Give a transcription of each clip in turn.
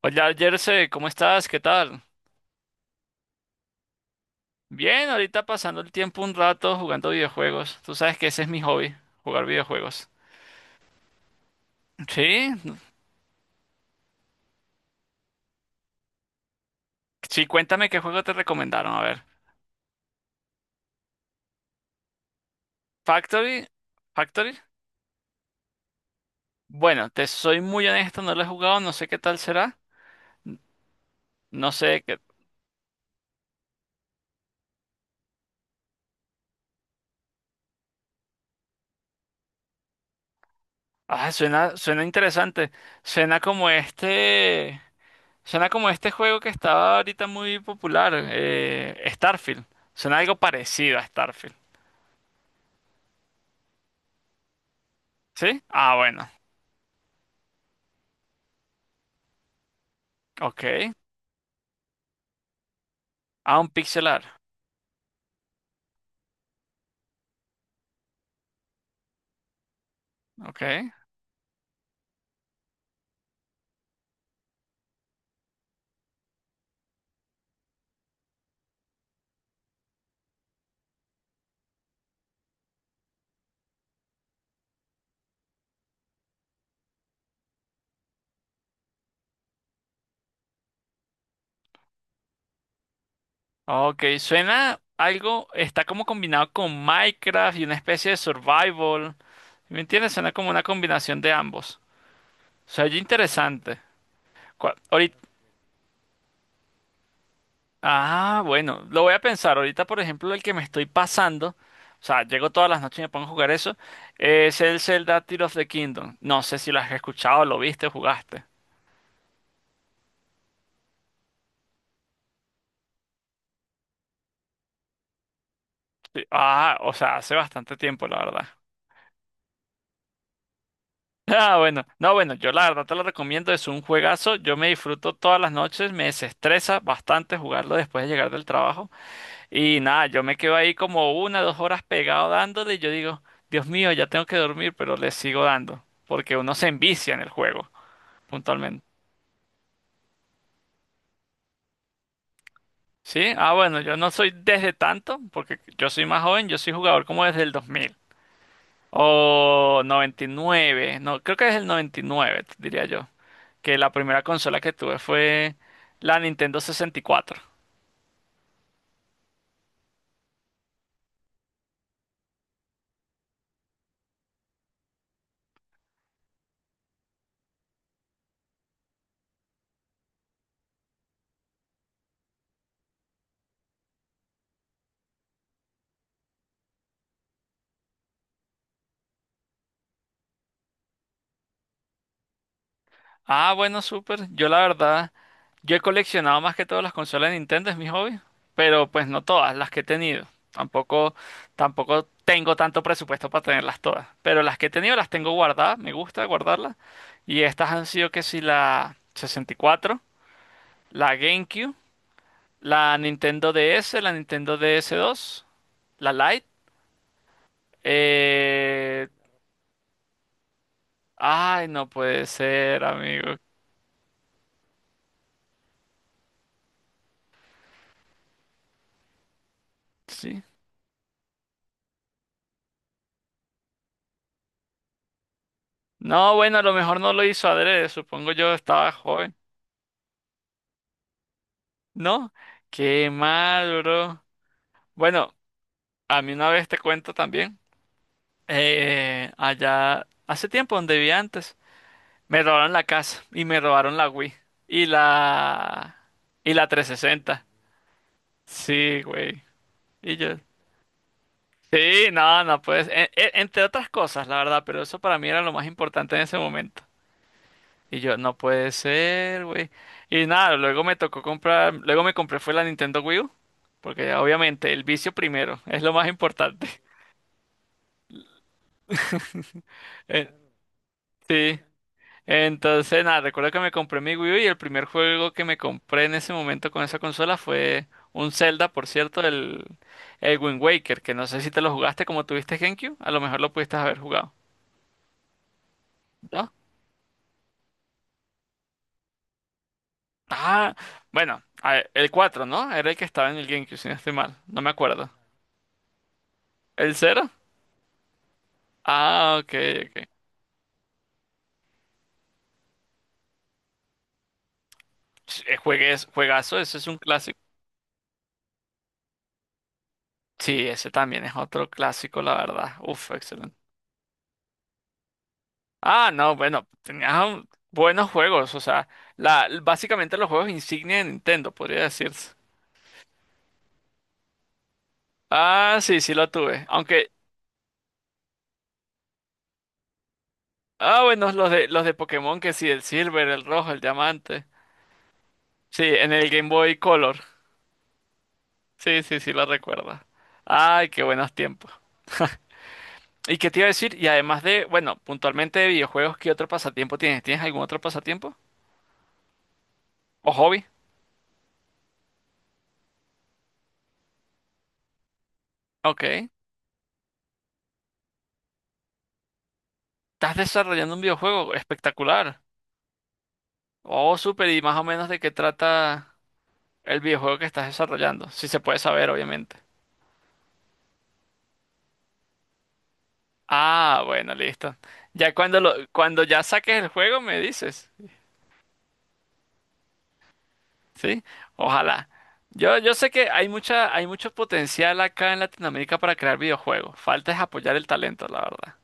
Hola, Jersey, ¿cómo estás? ¿Qué tal? Bien, ahorita pasando el tiempo un rato jugando videojuegos. Tú sabes que ese es mi hobby, jugar videojuegos. Sí, sí, cuéntame qué juego te recomendaron. A ver, Factory, Factory. Bueno, te soy muy honesto, no lo he jugado, no sé qué tal será. No sé qué. Ah, suena interesante. Suena como este, Suena como este juego que estaba ahorita muy popular, Starfield. Suena algo parecido a Starfield. ¿Sí? Ah, bueno, ok. Ah, un pixelar. Ok. Ok, suena algo, está como combinado con Minecraft y una especie de survival. ¿Sí? ¿Me entiendes? Suena como una combinación de ambos. O sea, oye, interesante. Ahorita, ah, bueno, lo voy a pensar. Ahorita, por ejemplo, el que me estoy pasando, o sea, llego todas las noches y me pongo a jugar eso, es el Zelda Tears of the Kingdom. No sé si lo has escuchado, lo viste, jugaste. Sí. Ah, o sea, hace bastante tiempo, la verdad. Ah, bueno, no, bueno, yo la verdad te lo recomiendo, es un juegazo, yo me disfruto todas las noches, me desestresa bastante jugarlo después de llegar del trabajo y nada, yo me quedo ahí como una, dos horas pegado dándole y yo digo, Dios mío, ya tengo que dormir, pero le sigo dando, porque uno se envicia en el juego, puntualmente. ¿Sí? Ah, bueno, yo no soy desde tanto, porque yo soy más joven, yo soy jugador como desde el 2000 o 99, no, creo que es el 99, diría yo. Que la primera consola que tuve fue la Nintendo 64. Ah, bueno, súper. Yo la verdad, yo he coleccionado más que todas las consolas de Nintendo, es mi hobby, pero pues no todas las que he tenido. Tampoco, tampoco tengo tanto presupuesto para tenerlas todas, pero las que he tenido las tengo guardadas, me gusta guardarlas. Y estas han sido que si la 64, la GameCube, la Nintendo DS, la Nintendo DS2, la Lite. Eh... Ay, no puede ser, amigo. Sí. No, bueno, a lo mejor no lo hizo adrede, supongo yo estaba joven. No, qué mal, bro. Bueno, a mí una vez te cuento también, allá hace tiempo donde vivía antes, me robaron la casa y me robaron la Wii y la y la 360. Sí, güey. Y yo, sí, no, no puedes, entre otras cosas, la verdad, pero eso para mí era lo más importante en ese momento. Y yo, no puede ser, güey. Y nada, luego me tocó comprar, luego me compré fue la Nintendo Wii U, porque obviamente el vicio primero es lo más importante. Eh, sí. Entonces, nada, recuerdo que me compré mi Wii U y el primer juego que me compré en ese momento con esa consola fue un Zelda, por cierto, el Wind Waker, que no sé si te lo jugaste como tuviste GameCube, a lo mejor lo pudiste haber jugado, ¿no? Ah, bueno, a ver, el cuatro, ¿no? Era el que estaba en el GameCube, si no estoy mal, no me acuerdo. ¿El cero? Ah, ok, ok. Sí. Juegazo, ese es un clásico. Sí, ese también es otro clásico, la verdad. Uf, excelente. Ah, no, bueno, buenos juegos, o sea, básicamente los juegos insignia de Nintendo, podría decirse. Ah, sí, sí lo tuve. Aunque, ah, bueno, los de Pokémon, que sí, el Silver, el Rojo, el Diamante. Sí, en el Game Boy Color. Sí, sí, sí lo recuerdo. Ay, qué buenos tiempos. ¿Y qué te iba a decir? Y además de, bueno, puntualmente de videojuegos, ¿qué otro pasatiempo tienes? ¿Tienes algún otro pasatiempo? ¿O hobby? Ok. Estás desarrollando un videojuego espectacular. Oh, súper. ¿Y más o menos de qué trata el videojuego que estás desarrollando? Si se puede saber, obviamente. Ah, bueno, listo. Ya cuando lo, cuando ya saques el juego me dices, ¿sí? Ojalá. Yo sé que hay mucho potencial acá en Latinoamérica para crear videojuegos. Falta es apoyar el talento, la verdad.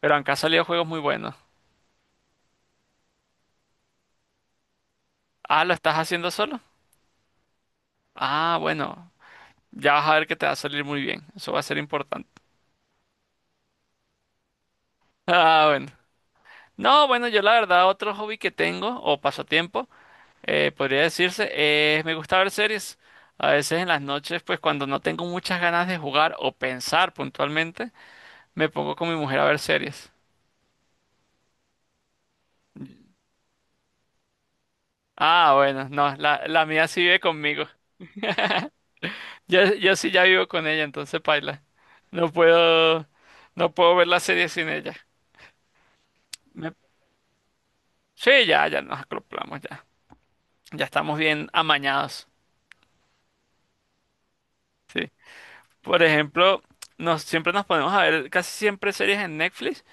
Pero han salido juegos muy buenos. Ah, ¿lo estás haciendo solo? Ah, bueno. Ya vas a ver que te va a salir muy bien. Eso va a ser importante. Ah, bueno. No, bueno, yo la verdad, otro hobby que tengo, o pasatiempo, podría decirse, es me gusta ver series. A veces en las noches, pues cuando no tengo muchas ganas de jugar o pensar puntualmente, me pongo con mi mujer a ver series. Ah, bueno, no, la mía sí vive conmigo. Yo sí ya vivo con ella, entonces paila. No puedo, no puedo ver la serie sin ella. Sí, ya, ya nos acoplamos, ya. Ya estamos bien amañados. Sí. Por ejemplo, siempre nos ponemos a ver casi siempre series en Netflix.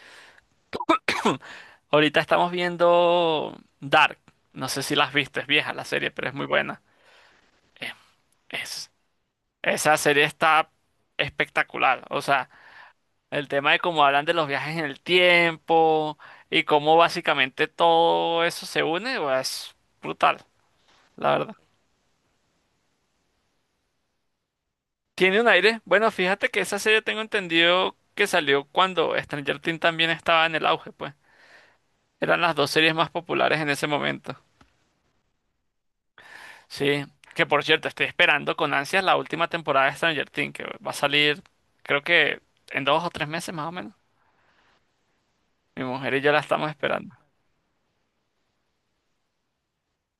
Ahorita estamos viendo Dark. No sé si las viste, es vieja la serie, pero es muy buena. Eh, Es, esa serie está espectacular. O sea, el tema de cómo hablan de los viajes en el tiempo y cómo básicamente todo eso se une, pues, es brutal, la verdad. Tiene un aire. Bueno, fíjate que esa serie tengo entendido que salió cuando Stranger Things también estaba en el auge, pues. Eran las dos series más populares en ese momento. Sí, que por cierto, estoy esperando con ansias la última temporada de Stranger Things, que va a salir creo que en dos o tres meses más o menos. Mi mujer y yo la estamos esperando.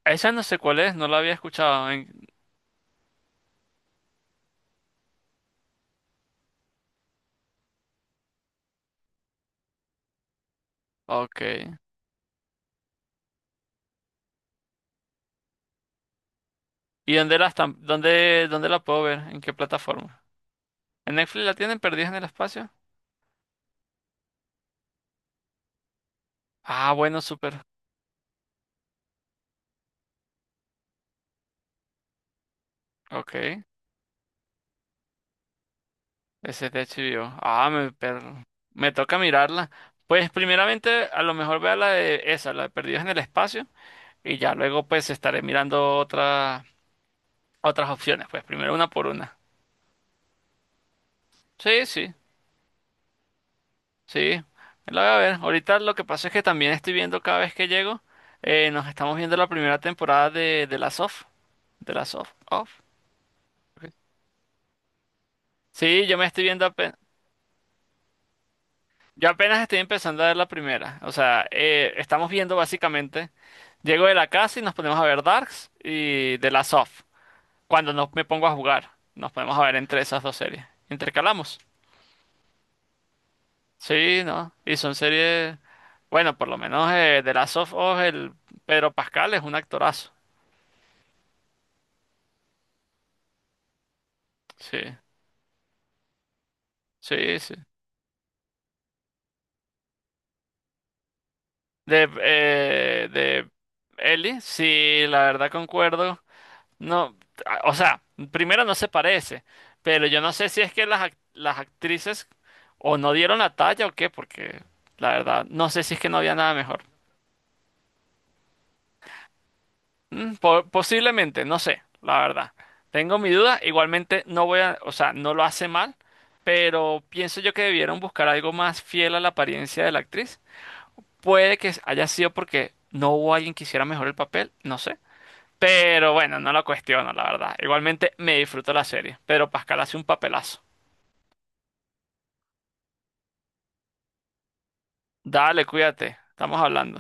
Esa no sé cuál es, no la había escuchado. En... Ok. ¿Y dónde la están? ¿Dónde la puedo ver? ¿En qué plataforma? ¿En Netflix la tienen perdida en el espacio? Ah, bueno, súper. Ok. Ese es de HBO. Me toca mirarla. Pues primeramente a lo mejor vea la de esa, la de Perdidos en el Espacio, y ya luego pues estaré mirando otras opciones, pues primero una por una. Sí, sí, sí. La voy a ver. Ahorita lo que pasa es que también estoy viendo cada vez que llego, nos estamos viendo la primera temporada de la Soft. De la Soft. Off. Sí, yo me estoy viendo. Yo apenas estoy empezando a ver la primera. O sea, estamos viendo básicamente. Llego de la casa y nos ponemos a ver Darks y The Last of. Cuando no me pongo a jugar, nos ponemos a ver entre esas dos series. Intercalamos. Sí, ¿no? Y son series. Bueno, por lo menos The Last of Us, el Pedro Pascal es un actorazo. Sí, sí, sí. De Ellie, sí, la verdad concuerdo. No, o sea, primero no se parece, pero yo no sé si es que las actrices o no dieron la talla o qué, porque la verdad, no sé si es que no había nada mejor. Mm, posiblemente, no sé, la verdad. Tengo mi duda, igualmente no voy a, o sea, no lo hace mal, pero pienso yo que debieron buscar algo más fiel a la apariencia de la actriz. Puede que haya sido porque no hubo alguien que hiciera mejor el papel, no sé. Pero bueno, no lo cuestiono, la verdad. Igualmente me disfruto la serie. Pedro Pascal hace un papelazo. Dale, cuídate. Estamos hablando.